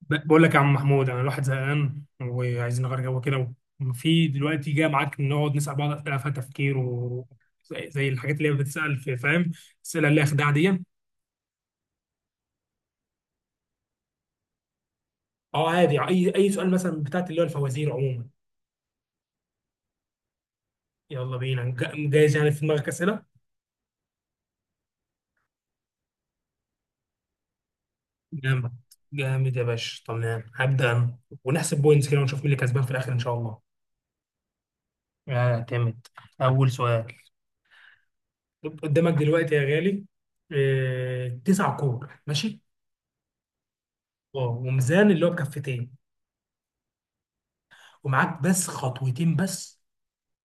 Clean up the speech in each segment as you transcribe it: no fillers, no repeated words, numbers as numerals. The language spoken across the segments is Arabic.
بقول لك يا عم محمود، انا الواحد زهقان وعايزين نغير جو كده. وفي دلوقتي جاي معاك نقعد نسال بعض اسئله فيها تفكير، و زي الحاجات اللي هي بتتسال في، فاهم؟ الاسئله اللي هي خداع دي. اه عادي، اي سؤال مثلا، بتاعت اللي هو الفوازير عموما. يلا بينا، جاهز يعني؟ في دماغك اسئله؟ جامد، جامد يا باشا. تمام، هبدا انا، ونحسب بوينتس كده ونشوف مين اللي كسبان في الاخر ان شاء الله. اعتمد. اول سؤال، قدامك دلوقتي يا غالي، آه، تسع كور، ماشي؟ اه، وميزان اللي هو بكفتين. ومعاك بس خطوتين بس،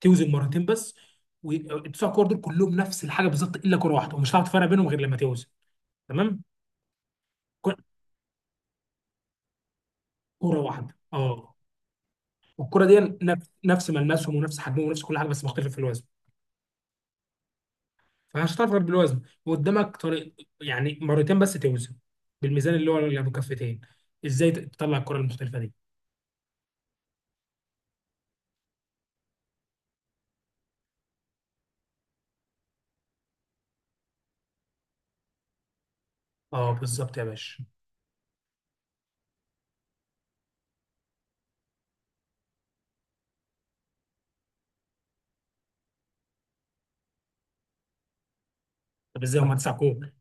توزن مرتين بس. والتسع كور دول كلهم نفس الحاجه بالظبط، الا كره واحده، ومش هتعرف تفرق بينهم غير لما توزن. تمام؟ كر- كره واحده، اه. والكره دي نفس ملمسهم، ونفس حجمهم، ونفس كل حاجه، بس مختلف في الوزن. فمش هتعرف غير بالوزن، وقدامك طريق، يعني مرتين بس توزن بالميزان اللي هو اللي بكفتين. ازاي تطلع الكره المختلفه دي؟ اه بالظبط يا باشا. طب ازاي؟ هم تسع كور،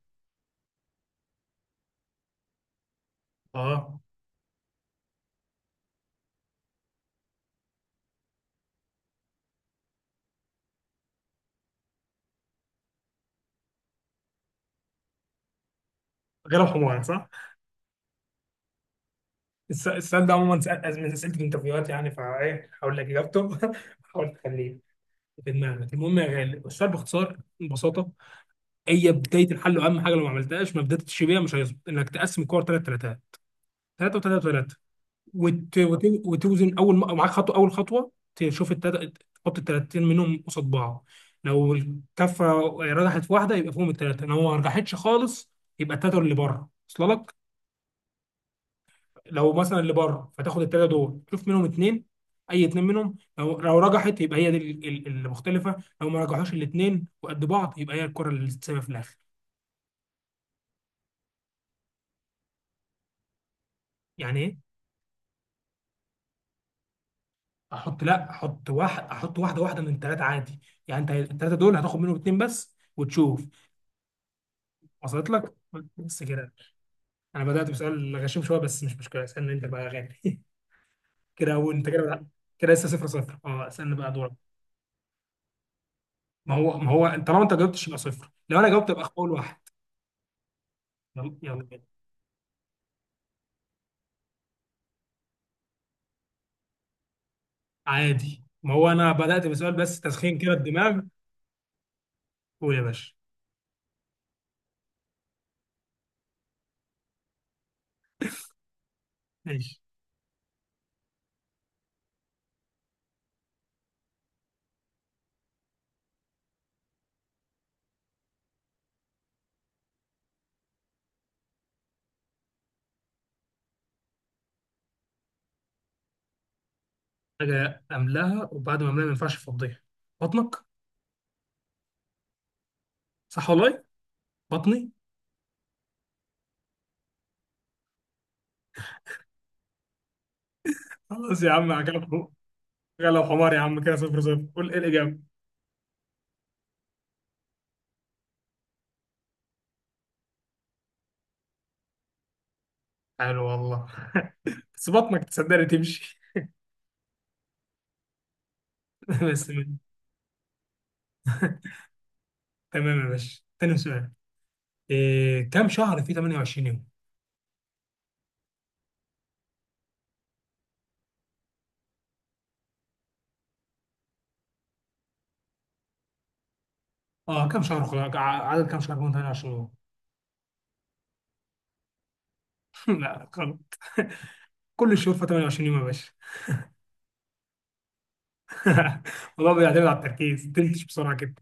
اه. غير الحمار، صح. السؤال ده عموما، من اسئله الانترفيوهات يعني، فايه هقول لك اجابته. هحاول تخليه في دماغك. المهم يا غالي، السؤال باختصار ببساطه، هي بدايه الحل واهم حاجه، لو ما عملتهاش ما بداتش بيها، مش هيظبط، انك تقسم الكور ثلاث ثلاثات. ثلاثه وثلاثه وثلاثه. وتوزن اول معاك خطوه، اول خطوه تشوف تحط الثلاثتين منهم قصاد بعض. لو الكفه رجحت في واحده، يبقى فيهم الثلاثه. لو ما رجحتش خالص، يبقى الثلاثه اللي بره، وصل لك؟ لو مثلا اللي بره، فتاخد الثلاثه دول تشوف منهم اثنين، اي اثنين منهم. لو رجحت، يبقى هي دي اللي مختلفه. لو ما رجحوش الاثنين وقد بعض، يبقى هي الكره اللي تتسابق في الاخر. يعني ايه؟ احط، لا احط واحد، احط واحده من الثلاثه عادي. يعني انت الثلاثه دول هتاخد منهم اثنين بس وتشوف. وصلت لك؟ بس كده. انا بدات بسؤال غشيم شويه، بس مش مشكله، اسالني انت بقى يا غالي. كده، وانت كده، كده لسه صفر صفر. اه اسالني بقى، دورك. ما هو طالما انت جاوبتش يبقى صفر، لو انا جاوبت يبقى اول واحد. يلا يلا. عادي، ما هو انا بدأت بسؤال بس تسخين كده الدماغ. قول يا باشا. ماشي. حاجة أملاها، وبعد ما أملاها ما ينفعش أفضيها؟ بطنك. صح والله. بطني. خلاص يا عم، عجبك؟ لو حمار يا عم كده صفر صفر، قول إيه الإجابة. حلو والله، بس بطنك تصدقني تمشي. بس تمام. تمام يا باشا، تاني سؤال. إيه كم شهر في 28 يوم؟ اه كم شهر، خلاص، عدد كم شهر من 28 يوم؟ لا غلط. كل الشهور في 28 يوم يا باشا. والله بيعتمد على التركيز، تنتش بسرعة كده.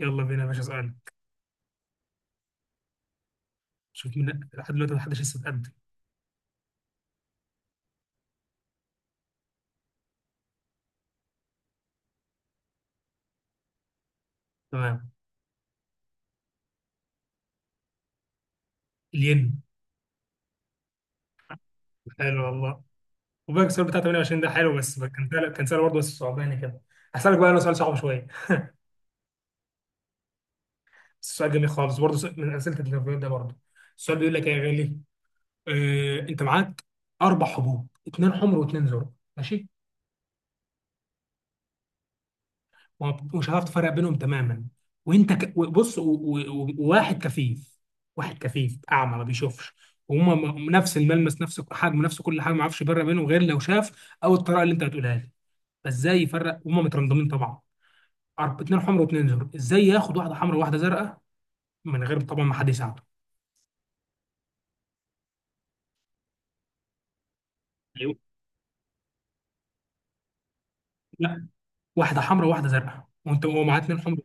يلا بينا يا باشا، اسألك. شوف مين لحد دلوقتي محدش لسه اتقدم. تمام. الين. حلو والله. وبقى السؤال بتاع 28 ده حلو، بس بقى كان سهل، كان سهل برضه، بس صعباني كده. هسألك بقى انا سؤال صعب شويه، بس سؤال جميل خالص برضه، من اسئله التدريبات ده برضه. السؤال بيقول لك ايه يا غالي؟ آه، انت معاك اربع حبوب، اثنين حمر واثنين زرق، ماشي؟ ومش هتعرف تفرق بينهم تماما. وانت ك... بص و... و... و- وواحد كفيف. واحد كفيف اعمى ما بيشوفش. وهما نفس الملمس، نفس حجم، نفس كل حاجه، ما يعرفش يفرق بينهم غير لو شاف، او الطريقه اللي انت بتقولها لي. فازاي يفرق وهما مترندمين طبعا؟ اتنين حمر واتنين زرق، ازاي ياخد واحده حمرا وواحده زرقاء، من غير طبعا ما حد يساعده. أيوة. لا، واحده حمرا وواحده زرقاء. وانت هو معاه اتنين حمر.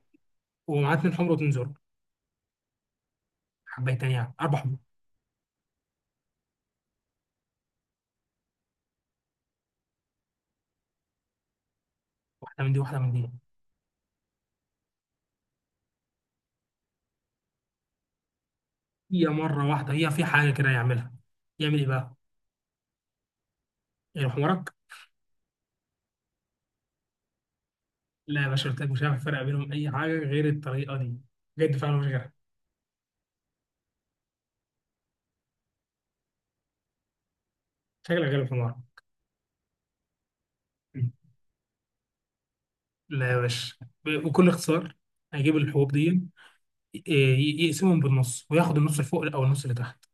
هو معاه اتنين حمر واتنين زرق، حبيتين يعني، اربع حمر. واحده من دي، واحده من دي. هي مره واحده، هي في حاجه كده يعملها. يعمل ايه بقى؟ يعني حمارك. لا يا باشا، قلت لك مش هعرف افرق بينهم اي حاجه غير الطريقه دي، بجد فعلا مش غيرها. شكلك غير الحمار. لا يا باشا، بكل اختصار، هيجيب الحبوب دي، يقسمهم بالنص وياخد النص اللي فوق او النص اللي تحت.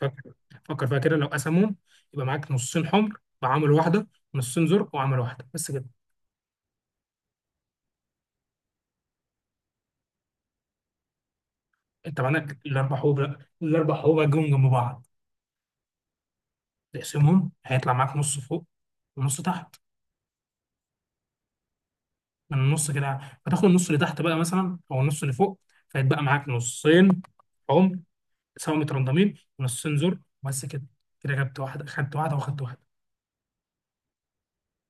فكر، فكر فيها كده. لو قسمهم، يبقى معاك نصين حمر وعامل واحده، نصين زرق وعامل واحده، بس كده. انت معاك الاربع حبوب، لا الاربع حبوب هتجيبهم جنب بعض، تقسمهم، هيطلع معاك نص فوق ونص تحت، من النص كده. فتاخد النص اللي تحت بقى مثلا، او النص اللي فوق. فيتبقى معاك نصين عمر سوا مترندمين، ونصين زر، بس كده. كده جبت واحده، خدت واحده، واخدت واحده.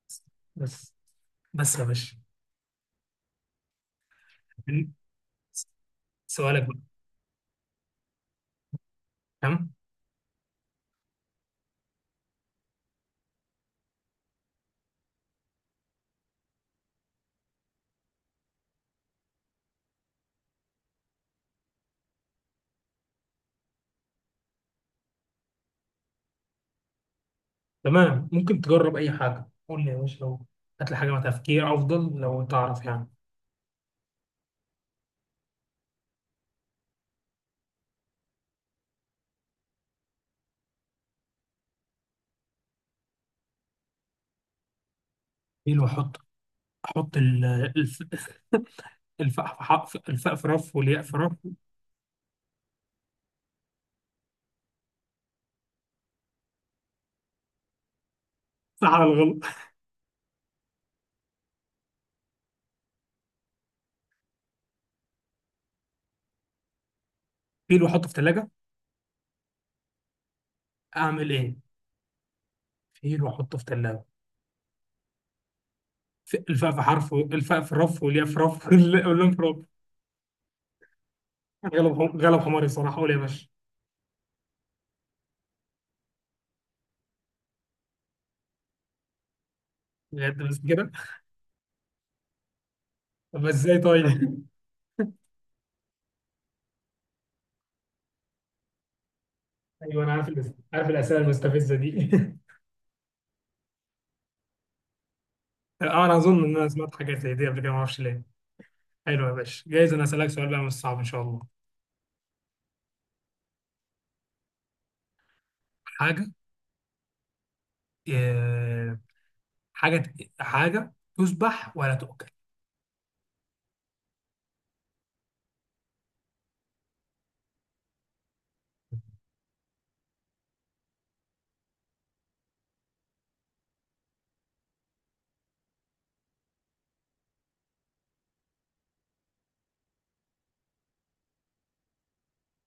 بس. بس بس يا باشا، سؤالك بقى. تمام. تمام، ممكن تجرب اي حاجه، قول لي يا باشا، لو هات لي حاجه مع تفكير افضل لو تعرف يعني. ايه؟ لو احط، احط الف، الفاء في رف، والياء في رف. صح على الغلط. فيل واحطه في ثلاجه، اعمل ايه؟ فيل واحطه في ثلاجه، الفاء في رف، والياء في رف، واللام في رف. غلب حماري بصراحه، قول يا باشا. بجد بس كده؟ طب ازاي طيب؟ ايوه انا عارف، عارف الاسئله المستفزه دي. اه انا اظن ان انا سمعت حاجات زي دي قبل كده، ما اعرفش ليه. حلو يا باشا، جايز انا اسالك سؤال بقى مش صعب ان شاء الله. حاجه، آه، حاجه، حاجه تذبح ولا تؤكل؟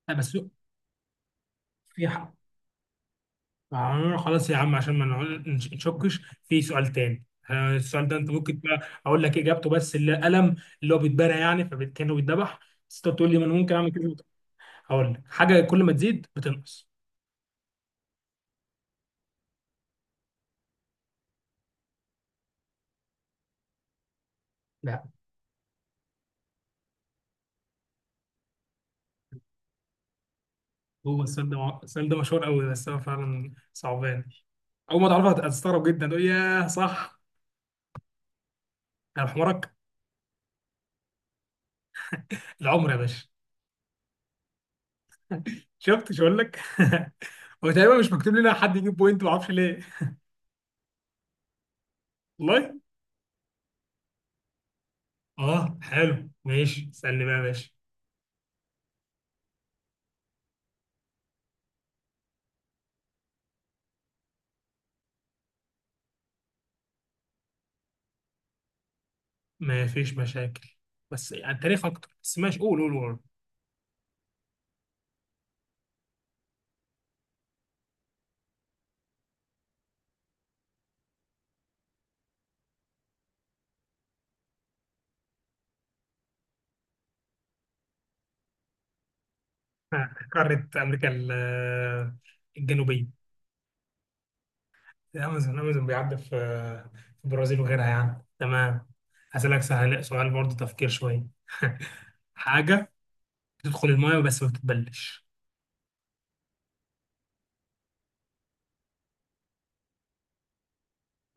لا بس في، آه، خلاص يا عم عشان ما نقعد- نشكش في سؤال تاني. آه، السؤال ده انت ممكن بقى اقول لك اجابته، بس القلم، اللي هو بيتبرى يعني، فكانه بيتذبح، بس انت تقول لي ما انا ممكن اعمل كده. هقول لك حاجه، كل ما تزيد بتنقص. لا. هو السؤال ده السؤال ده مشهور قوي، بس هو فعلا صعبان. اول ما تعرفها هتستغرب جدا، تقول ياه صح. انا بحمرك. العمر يا باشا. شفت، مش هقول لك. هو تقريبا مش مكتوب لنا حد يجيب بوينت، ما اعرفش ليه. والله. اه حلو، ماشي، اسالني بقى يا باشا. ما فيش مشاكل، بس يعني تاريخ اكتر، بس ماشي، قول قول. آه، قارة امريكا آه، الجنوبية. الامازون، الامازون بيعدي في، في البرازيل وغيرها يعني. تمام. هسألك سهل سؤال برضه، تفكير شوية. حاجة تدخل المايه بس ما بتتبلش.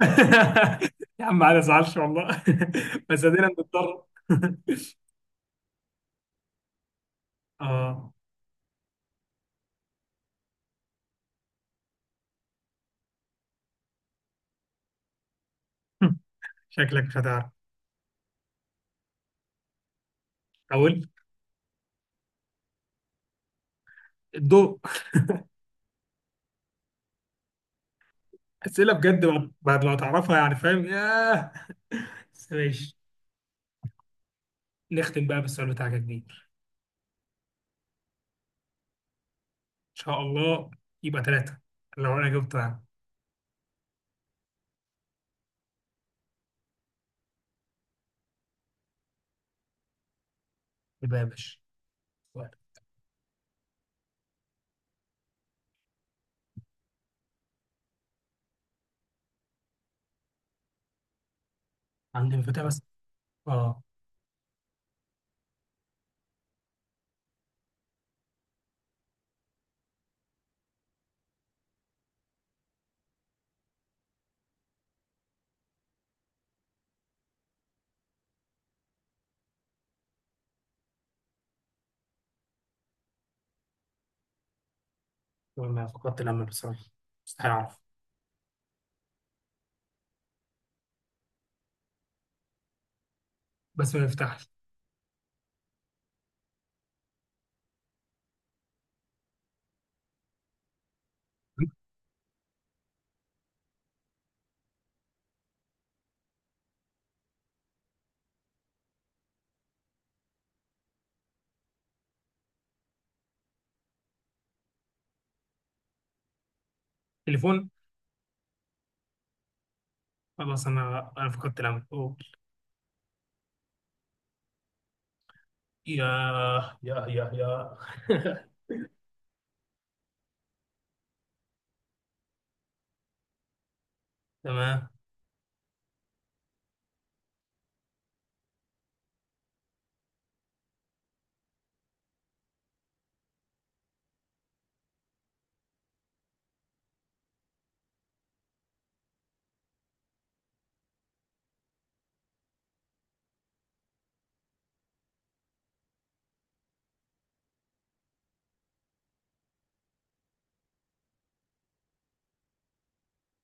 يا عم ما تزعلش والله. بس ادينا بنضطر. اه. شكلك مش هتعرف. اقول. الضوء. اسئله بجد، بعد ما تعرفها يعني، فاهم ياه. بس ماشي. نختم بقى بالسؤال بتاعك يا كبير. ان شاء الله. يبقى ثلاثة لو انا جبت، يبقى يا باشا سؤال. عندي مفاتيح بس، اه، ما فقدت الامل بصراحه، مستحيل اعرف. بس ما يفتحش. تليفون. خلاص انا، انا فقدت الامل أوه. يا يا تمام.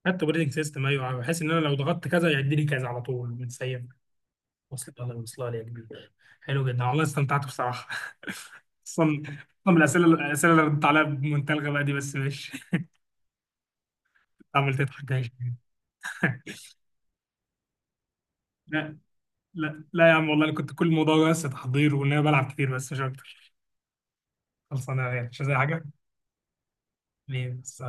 حتى بريدنج سيستم، ايوه، بحيث ان انا لو ضغطت كذا يعدي لي كذا على طول متسيب. وصل، الله يوصلها لي يا كبير. حلو انا جدا والله، استمتعت بصراحة. اصلا، أصلاً من الاسئله، الاسئله اللي ردت عليها بمنتهى الغباء دي، بس ماشي. عمال تضحك، ماشي. لا، لا يا عم والله، انا كنت كل الموضوع بس تحضير، وان انا بلعب كتير، بس مش اكتر. خلصانه يعني، مش زي حاجه. ليه بس؟